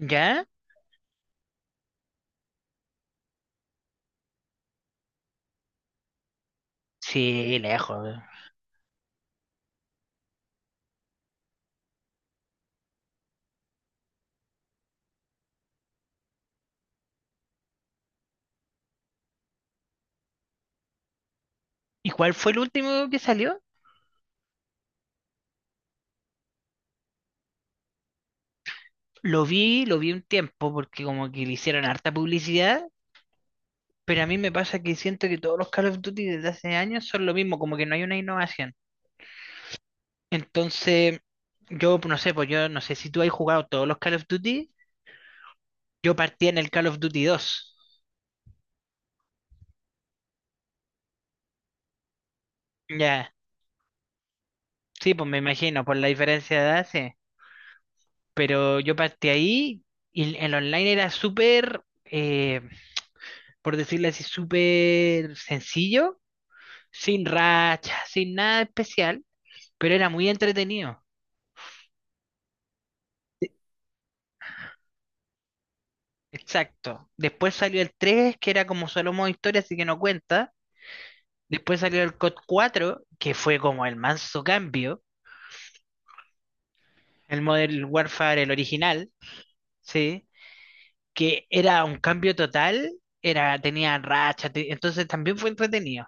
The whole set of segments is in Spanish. ¿Ya? Sí, lejos. ¿Y cuál fue el último que salió? Lo vi un tiempo porque como que le hicieron harta publicidad, pero a mí me pasa que siento que todos los Call of Duty desde hace años son lo mismo, como que no hay una innovación. Entonces, yo no sé, pues yo no sé si tú has jugado todos los Call of Duty, yo partí en el Call of Duty 2. Ya, sí, pues me imagino, por la diferencia de edad, sí. Pero yo partí ahí y el online era súper, por decirlo así, súper sencillo, sin racha, sin nada especial, pero era muy entretenido. Exacto. Después salió el tres, que era como solo modo historia, así que no cuenta. Después salió el COD cuatro, que fue como el manso cambio. El Modern Warfare, el original, ¿sí? Que era un cambio total, era, tenía racha, entonces también fue entretenido.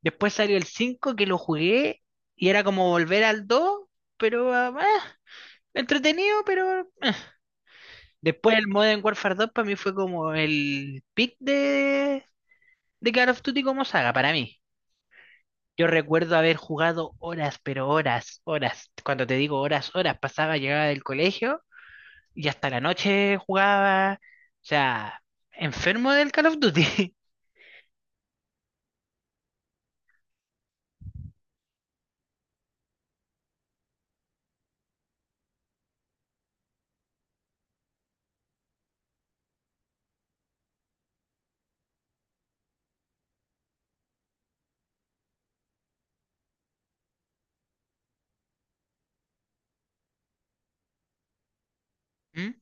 Después salió el 5 que lo jugué, y era como volver al 2, pero entretenido, pero. Después el Modern Warfare 2 para mí fue como el pick de Call of Duty como saga, para mí. Yo recuerdo haber jugado horas, pero horas, horas. Cuando te digo horas, horas, pasaba, llegaba del colegio y hasta la noche jugaba. O sea, enfermo del Call of Duty. ¿Mm?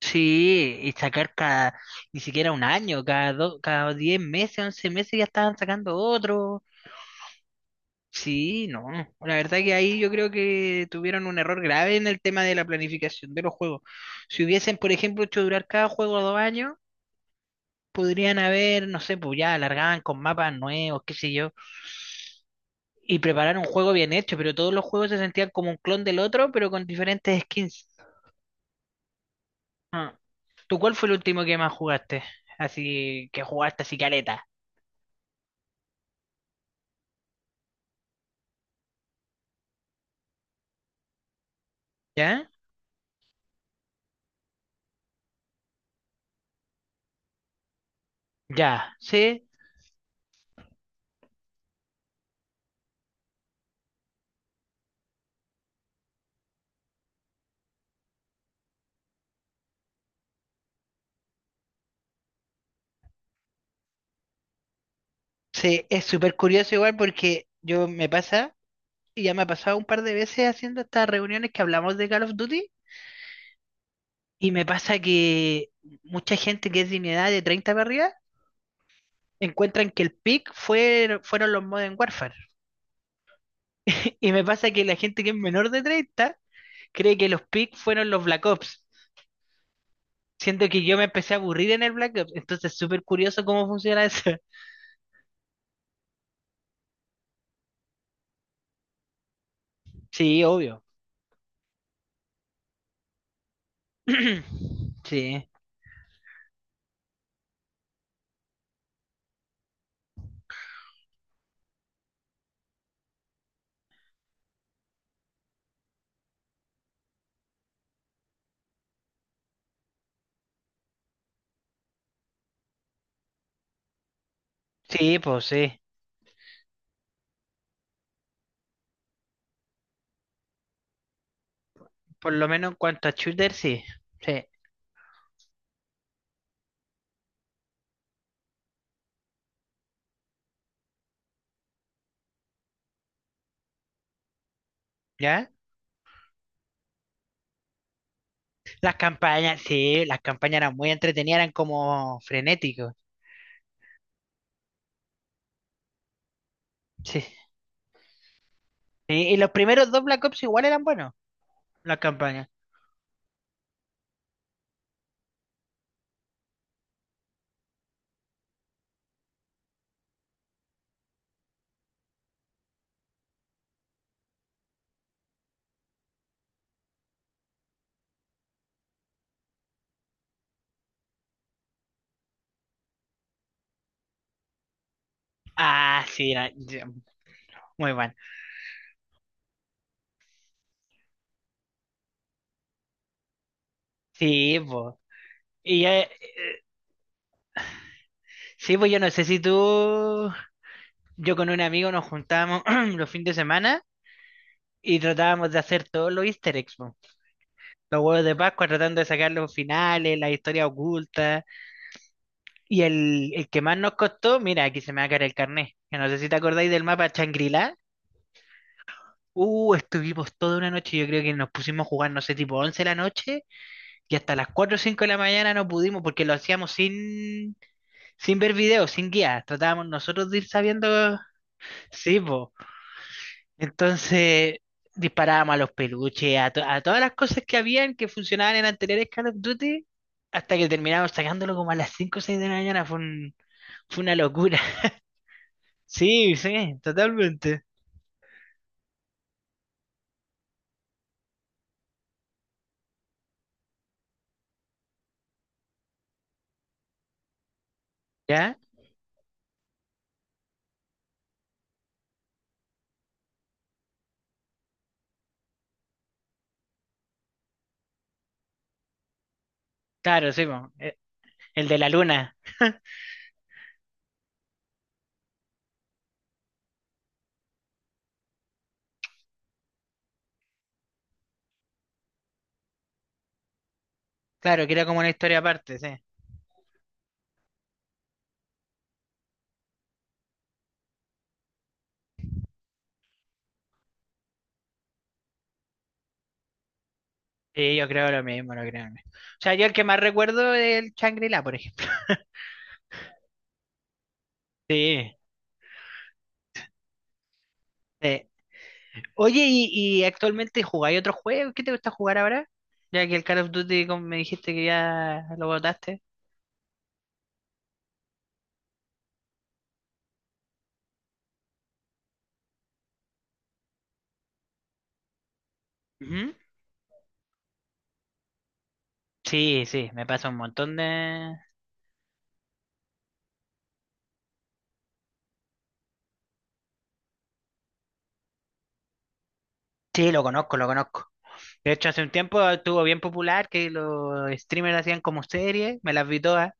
Sí, y sacar cada, ni siquiera un año, cada, cada 10 meses, 11 meses ya estaban sacando otro. Sí, no. La verdad que ahí yo creo que tuvieron un error grave en el tema de la planificación de los juegos. Si hubiesen, por ejemplo, hecho durar cada juego 2 años, podrían haber, no sé, pues ya alargaban con mapas nuevos, qué sé yo, y preparar un juego bien hecho, pero todos los juegos se sentían como un clon del otro, pero con diferentes skins. Ah. ¿Tú cuál fue el último que más jugaste? Así que jugaste así caleta, ¿ya? Ya, sí, sí, es súper curioso igual porque yo me pasa. Y ya me ha pasado un par de veces haciendo estas reuniones que hablamos de Call of Duty, y me pasa que mucha gente que es de mi edad, de 30 para arriba, encuentran que el pick fue, fueron los Modern Warfare. Y me pasa que la gente que es menor de 30 cree que los pick fueron los Black Ops. Siento que yo me empecé a aburrir en el Black Ops, entonces súper curioso cómo funciona eso. Sí, obvio. Sí, sí, pues sí. Por lo menos en cuanto a shooter, sí. Sí. ¿Ya? Las campañas, sí, las campañas eran muy entretenidas, eran como frenéticos. Sí. Sí, y los primeros dos Black Ops igual eran buenos, las campañas. Ah, sí, era- ya, muy bueno. Sí, pues. Y sí, pues yo no sé si tú, yo con un amigo nos juntábamos los fines de semana y tratábamos de hacer todos los Easter eggs, po. Los huevos de Pascua, tratando de sacar los finales, las historias ocultas. Y el que más nos costó, mira, aquí se me va a caer el carnet. Que no sé si te acordáis del mapa Shangri. Estuvimos toda una noche, yo creo que nos pusimos a jugar, no sé, tipo 11 de la noche, y hasta las 4 o 5 de la mañana no pudimos, porque lo hacíamos sin, ver videos, sin guías. Tratábamos nosotros de ir sabiendo, sí, po. Entonces disparábamos a los peluches, a todas las cosas que habían que funcionaban en anteriores Call of Duty, hasta que terminamos sacándolo como a las 5 o 6 de la mañana. Fue una locura. Sí, sí, totalmente. ¿Ya? Claro, sí, po. El de la luna. Claro, que era como una historia aparte, sí. Sí, yo creo lo mismo, lo creo lo mismo. O sea, yo el que más recuerdo es el Shangri-La, por ejemplo. Sí. Sí. Oye, y actualmente jugáis otro juego? ¿Qué te gusta jugar ahora? Ya que el Call of Duty, como me dijiste, que ya lo botaste. Ujú. Sí, sí, me pasa un montón de... Sí, lo conozco, lo conozco. De hecho, hace un tiempo estuvo bien popular que los streamers hacían como series, me las vi todas.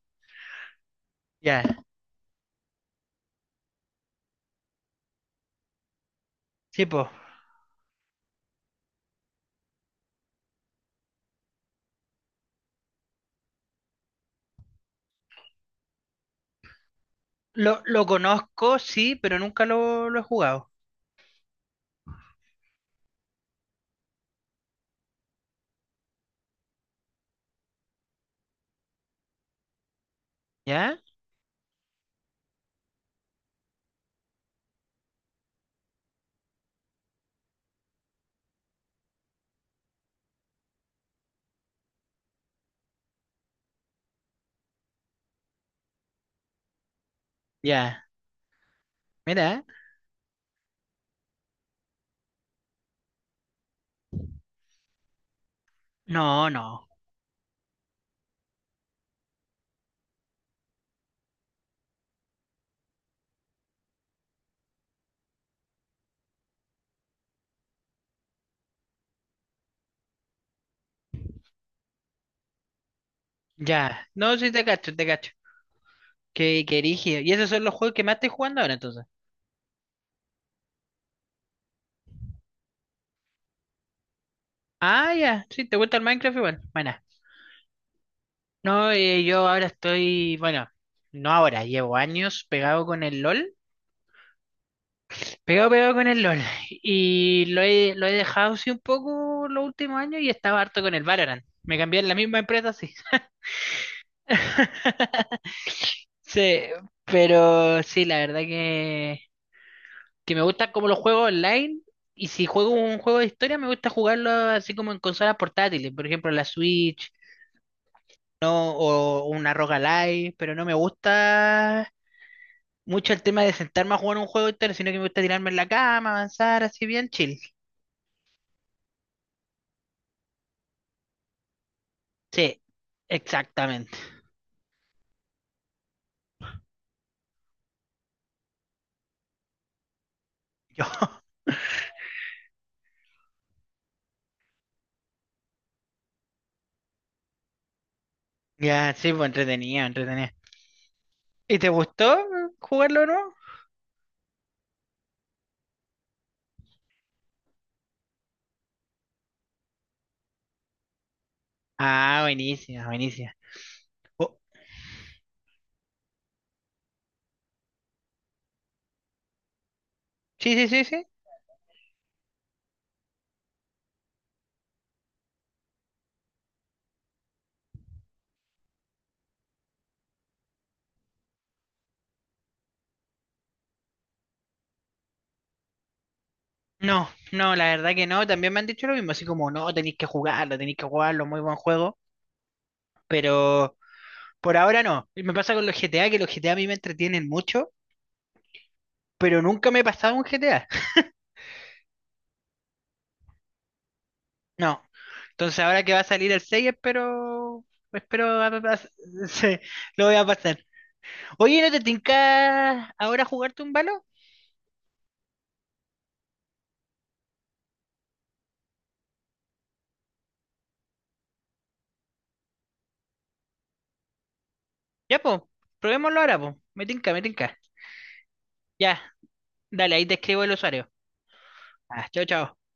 Ya, sí, pues. Lo conozco, sí, pero nunca lo he jugado. ¿Ya? Ya. Mira. No, no. Ya, no, sí te cacho, te cacho. Qué, qué rígido. ¿Y esos son los juegos que más estoy jugando ahora entonces? Ah, ya, sí, ¿te gusta el Minecraft igual? Bueno, no, yo ahora estoy, bueno, no ahora, llevo años pegado con el LOL, pegado, pegado con el LOL. Y lo he dejado así un poco los últimos años, y estaba harto con el Valorant. Me cambié en la misma empresa, sí. Sí, pero sí, la verdad que me gusta como los juegos online. Y si juego un juego de historia, me gusta jugarlo así como en consolas portátiles, por ejemplo la Switch, ¿no? O una Roguelike, pero no me gusta mucho el tema de sentarme a jugar un juego de historia, sino que me gusta tirarme en la cama, avanzar, así bien chill. Sí, exactamente. Yo, ya, sí, pues entretenido, entretenido. ¿Y te gustó jugarlo, no? Ah, buenísima, buenísima. Oh, sí, sí, sí, sí. No, no, la verdad que no. También me han dicho lo mismo, así como, no, tenéis que jugarlo, muy buen juego. Pero por ahora no. Y me pasa con los GTA, que los GTA a mí me entretienen mucho, pero nunca me he pasado un GTA. No. Entonces ahora que va a salir el 6, espero, se- lo voy a pasar. Oye, ¿no te tinca ahora jugarte un balo? Ya, po, probémoslo ahora, po. Me tinca, me tinca. Ya, dale, ahí te escribo el usuario. Ah, chao, chao.